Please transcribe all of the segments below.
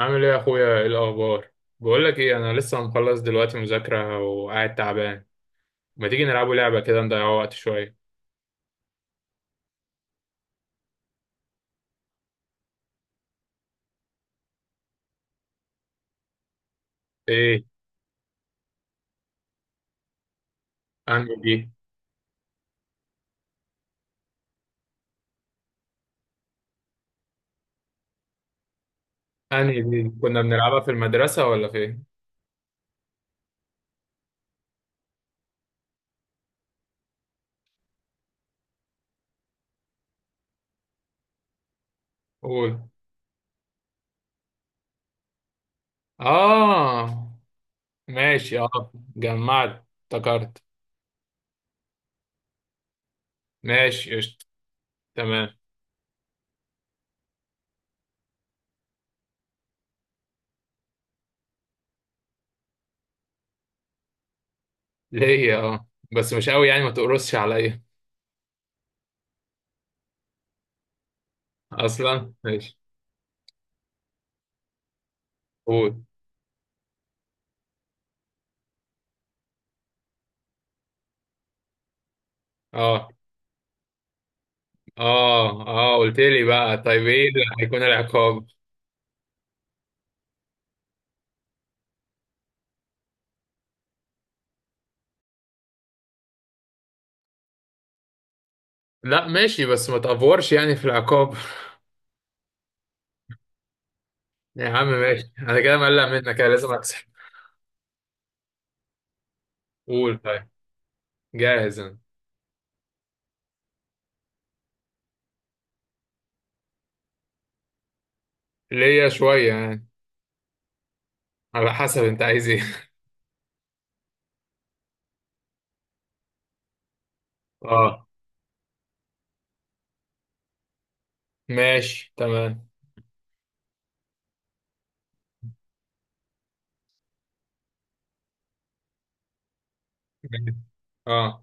عامل ايه يا اخويا؟ ايه الاخبار؟ بقول لك ايه، انا لسه مخلص دلوقتي مذاكره وقاعد تعبان. ما تيجي نلعبوا لعبه كده نضيع وقت شويه؟ ايه؟ انهي دي؟ انهي دي كنا بنلعبها في المدرسه ولا فين؟ قول. اه ماشي، اه جمعت افتكرت. ماشي قشطه، تمام. ليا اه، بس مش قوي يعني، ما تقرصش عليا. اصلا ماشي. قول. اه اه. اه قلت لي بقى، طيب ايه اللي هيكون العقاب؟ لا ماشي، بس ما تأفورش يعني في العقاب. يا عم ماشي، انا كده مقلق منك، انا لازم اكسب. قول طيب. جاهز انا. ليا شوية يعني. على حسب انت عايز ايه. اه ماشي تمام. اه.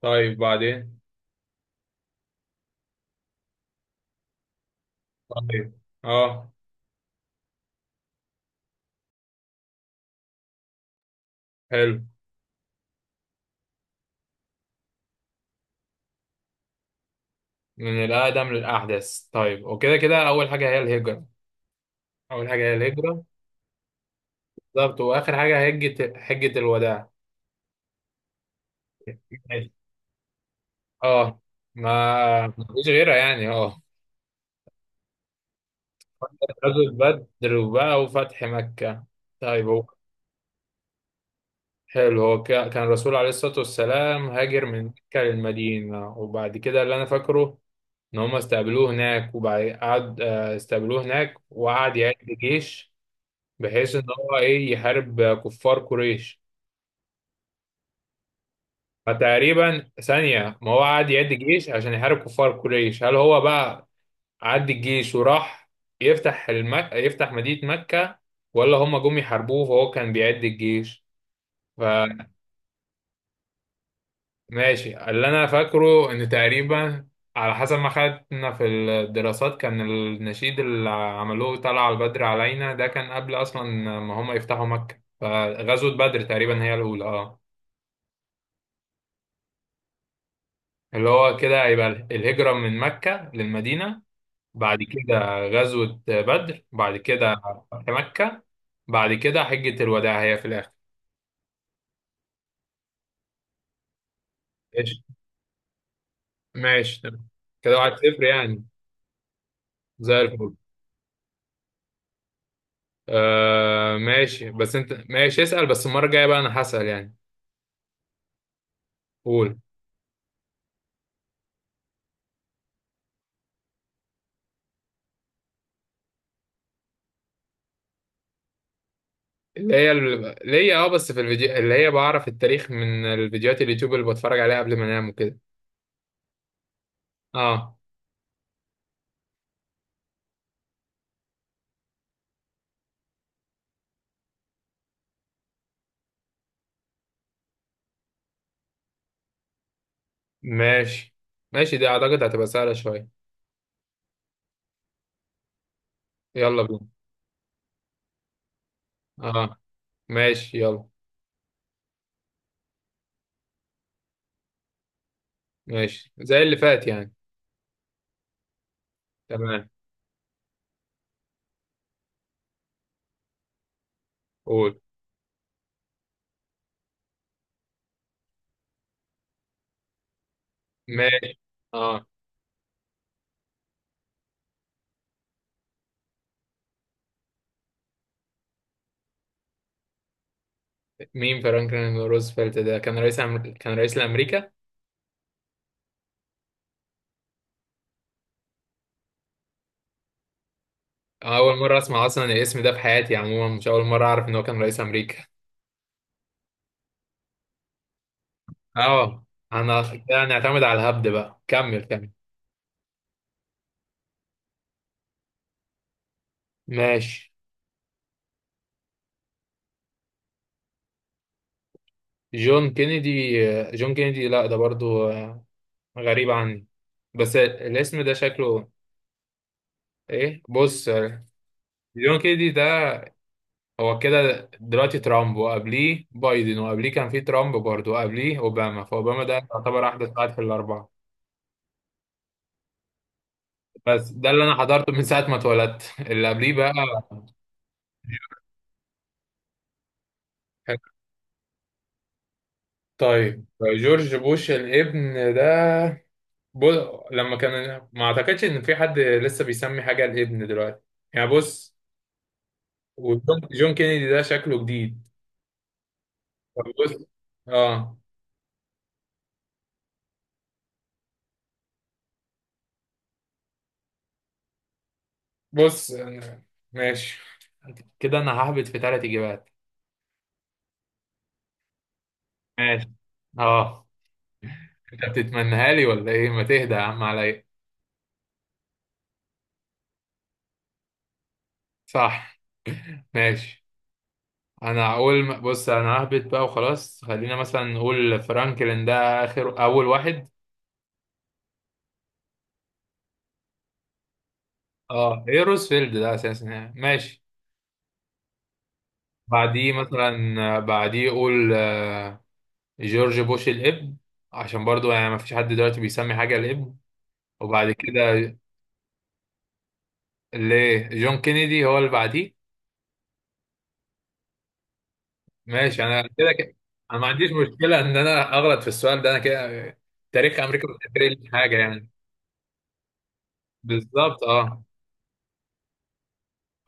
طيب بعدين. طيب. اه. حلو. من الأقدم للأحدث، طيب. وكده كده أول حاجة هي الهجرة. أول حاجة هي الهجرة. بالظبط، وآخر حاجة هجة حجة الوداع. ماشي. اه، ما مفيش غيرها يعني، اه. غزوة بدر وبقى وفتح مكة. طيب هو، حلو. هو كان الرسول عليه الصلاة والسلام هاجر من مكة للمدينة، وبعد كده اللي أنا فاكره إن هم استقبلوه هناك، وبعد قعد استقبلوه هناك وقعد يعد جيش، بحيث إن هو إيه يحارب كفار قريش. فتقريبا ثانية، ما هو قعد يعد جيش عشان يحارب كفار قريش، هل هو بقى عد الجيش وراح يفتح مدينة مكة، ولا هم جم يحاربوه فهو كان بيعد الجيش؟ ماشي، اللي انا فاكره ان تقريبا، على حسب ما خدنا في الدراسات، كان النشيد اللي عملوه طلع البدر علينا ده كان قبل اصلا ما هم يفتحوا مكة، فغزوة بدر تقريبا هي الاولى، اه. اللي هو كده هيبقى الهجرة من مكة للمدينة، بعد كده غزوة بدر، بعد كده فتح مكة، بعد كده حجة الوداع هي في الاخر. ماشي. ماشي تمام. كده 1-0 يعني. زي الفل. آه ماشي، بس انت ماشي اسأل، بس المرة الجاية بقى انا هسأل يعني. قول. اللي هي اه، بس في الفيديو، اللي هي بعرف التاريخ من الفيديوهات اليوتيوب اللي بتفرج عليها قبل ما انام وكده. اه. ماشي، ماشي دي اعتقد هتبقى سهلة شوية. يلا بينا. اه ماشي يلا. ماشي زي اللي فات يعني. تمام. قول. ماشي. اه. مين فرانكلين روزفلت ده؟ كان كان رئيس لأمريكا. أول مرة أسمع أصلا الاسم ده في حياتي، عموما مش أول مرة أعرف إن هو كان رئيس أمريكا. اه. انا كده نعتمد على الهبد بقى، كمل كمل. ماشي. جون كينيدي. جون كينيدي، لا ده برضو غريب عني. بس الاسم ده شكله ايه، بص. جون كينيدي ده، هو كده دلوقتي ترامب، وقبليه بايدن، وقبليه كان في ترامب برضو، وقبليه اوباما. فاوباما ده يعتبر احدث واحد في الاربعه. بس ده اللي انا حضرته من ساعه ما اتولدت، اللي قبليه بقى. طيب. جورج بوش الابن ده، بص، لما كان، ما اعتقدش ان في حد لسه بيسمي حاجه الابن دلوقتي يعني، بص. وجون كينيدي ده شكله جديد. طب بص. اه. بص. ماشي، كده انا ههبط في ثلاث اجابات. ماشي اه. انت بتتمنها لي ولا ايه؟ ما تهدى يا عم عليا. صح. ماشي. انا اقول، بص، انا ههبط بقى وخلاص. خلينا مثلا نقول فرانكلين ده اول واحد، اه، ايه روزفلد ده اساسا يعني. ماشي. بعديه يقول جورج بوش الابن، عشان برضو يعني ما فيش حد دلوقتي بيسمي حاجة الابن. وبعد كده، ليه جون كينيدي هو اللي بعديه. ماشي، انا كده كده. انا ما عنديش مشكلة ان انا اغلط في السؤال ده، انا كده تاريخ امريكا مش فاكر لي حاجة يعني. بالظبط، اه.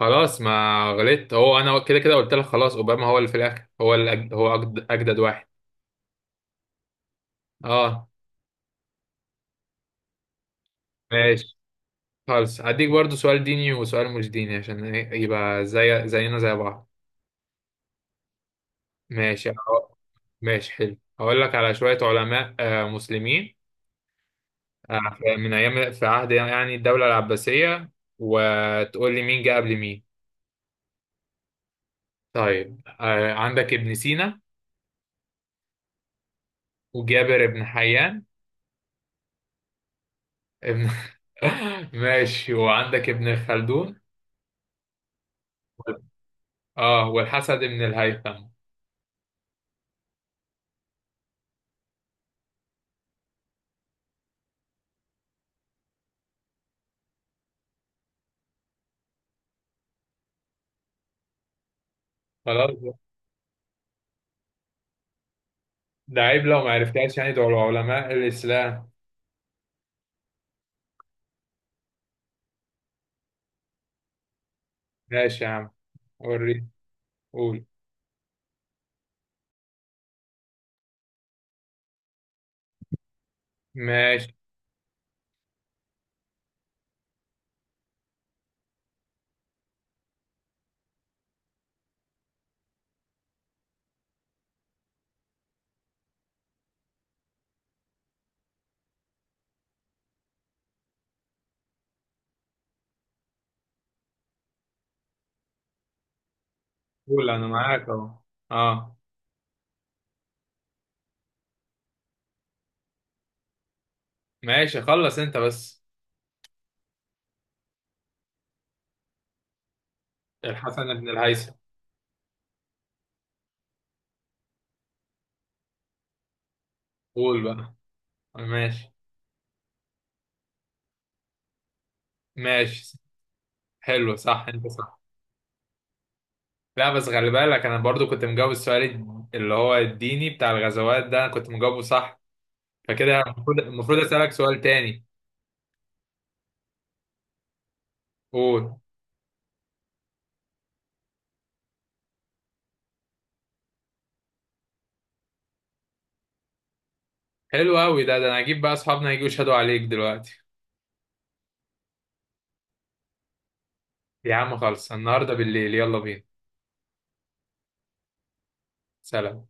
خلاص ما غلطت. هو انا كده كده قلت لك خلاص، اوباما هو اللي في الاخر، هو اللي اجدد واحد. اه. ماشي خالص، هديك برضو سؤال ديني وسؤال مش ديني، عشان يبقى زي زينا زي بعض. ماشي ماشي حلو. هقول لك على شوية علماء مسلمين. من أيام، في عهد يعني الدولة العباسية، وتقول لي مين جه قبل مين. طيب، عندك ابن سينا، وجابر ابن حيان، ابن ماشي، وعندك ابن خلدون، اه، والحسن ابن الهيثم. خلاص. ده عيب لو ما عرفتهاش يعني، دول علماء الإسلام. ماشي يا عم، وريني. قول. ماشي. قول، انا معاك اهو. اه. ماشي خلص انت بس. الحسن بن الهيثم. قول بقى. ماشي. ماشي حلو، صح، انت صح. لا بس خلي بالك، انا برضو كنت مجاوب السؤال اللي هو الديني بتاع الغزوات ده، انا كنت مجاوبه صح. فكده المفروض اسالك سؤال تاني. قول. حلو قوي ده، انا هجيب بقى اصحابنا يجوا يشهدوا عليك دلوقتي. يا عم خلص، النهارده بالليل، يلا بينا. سلام.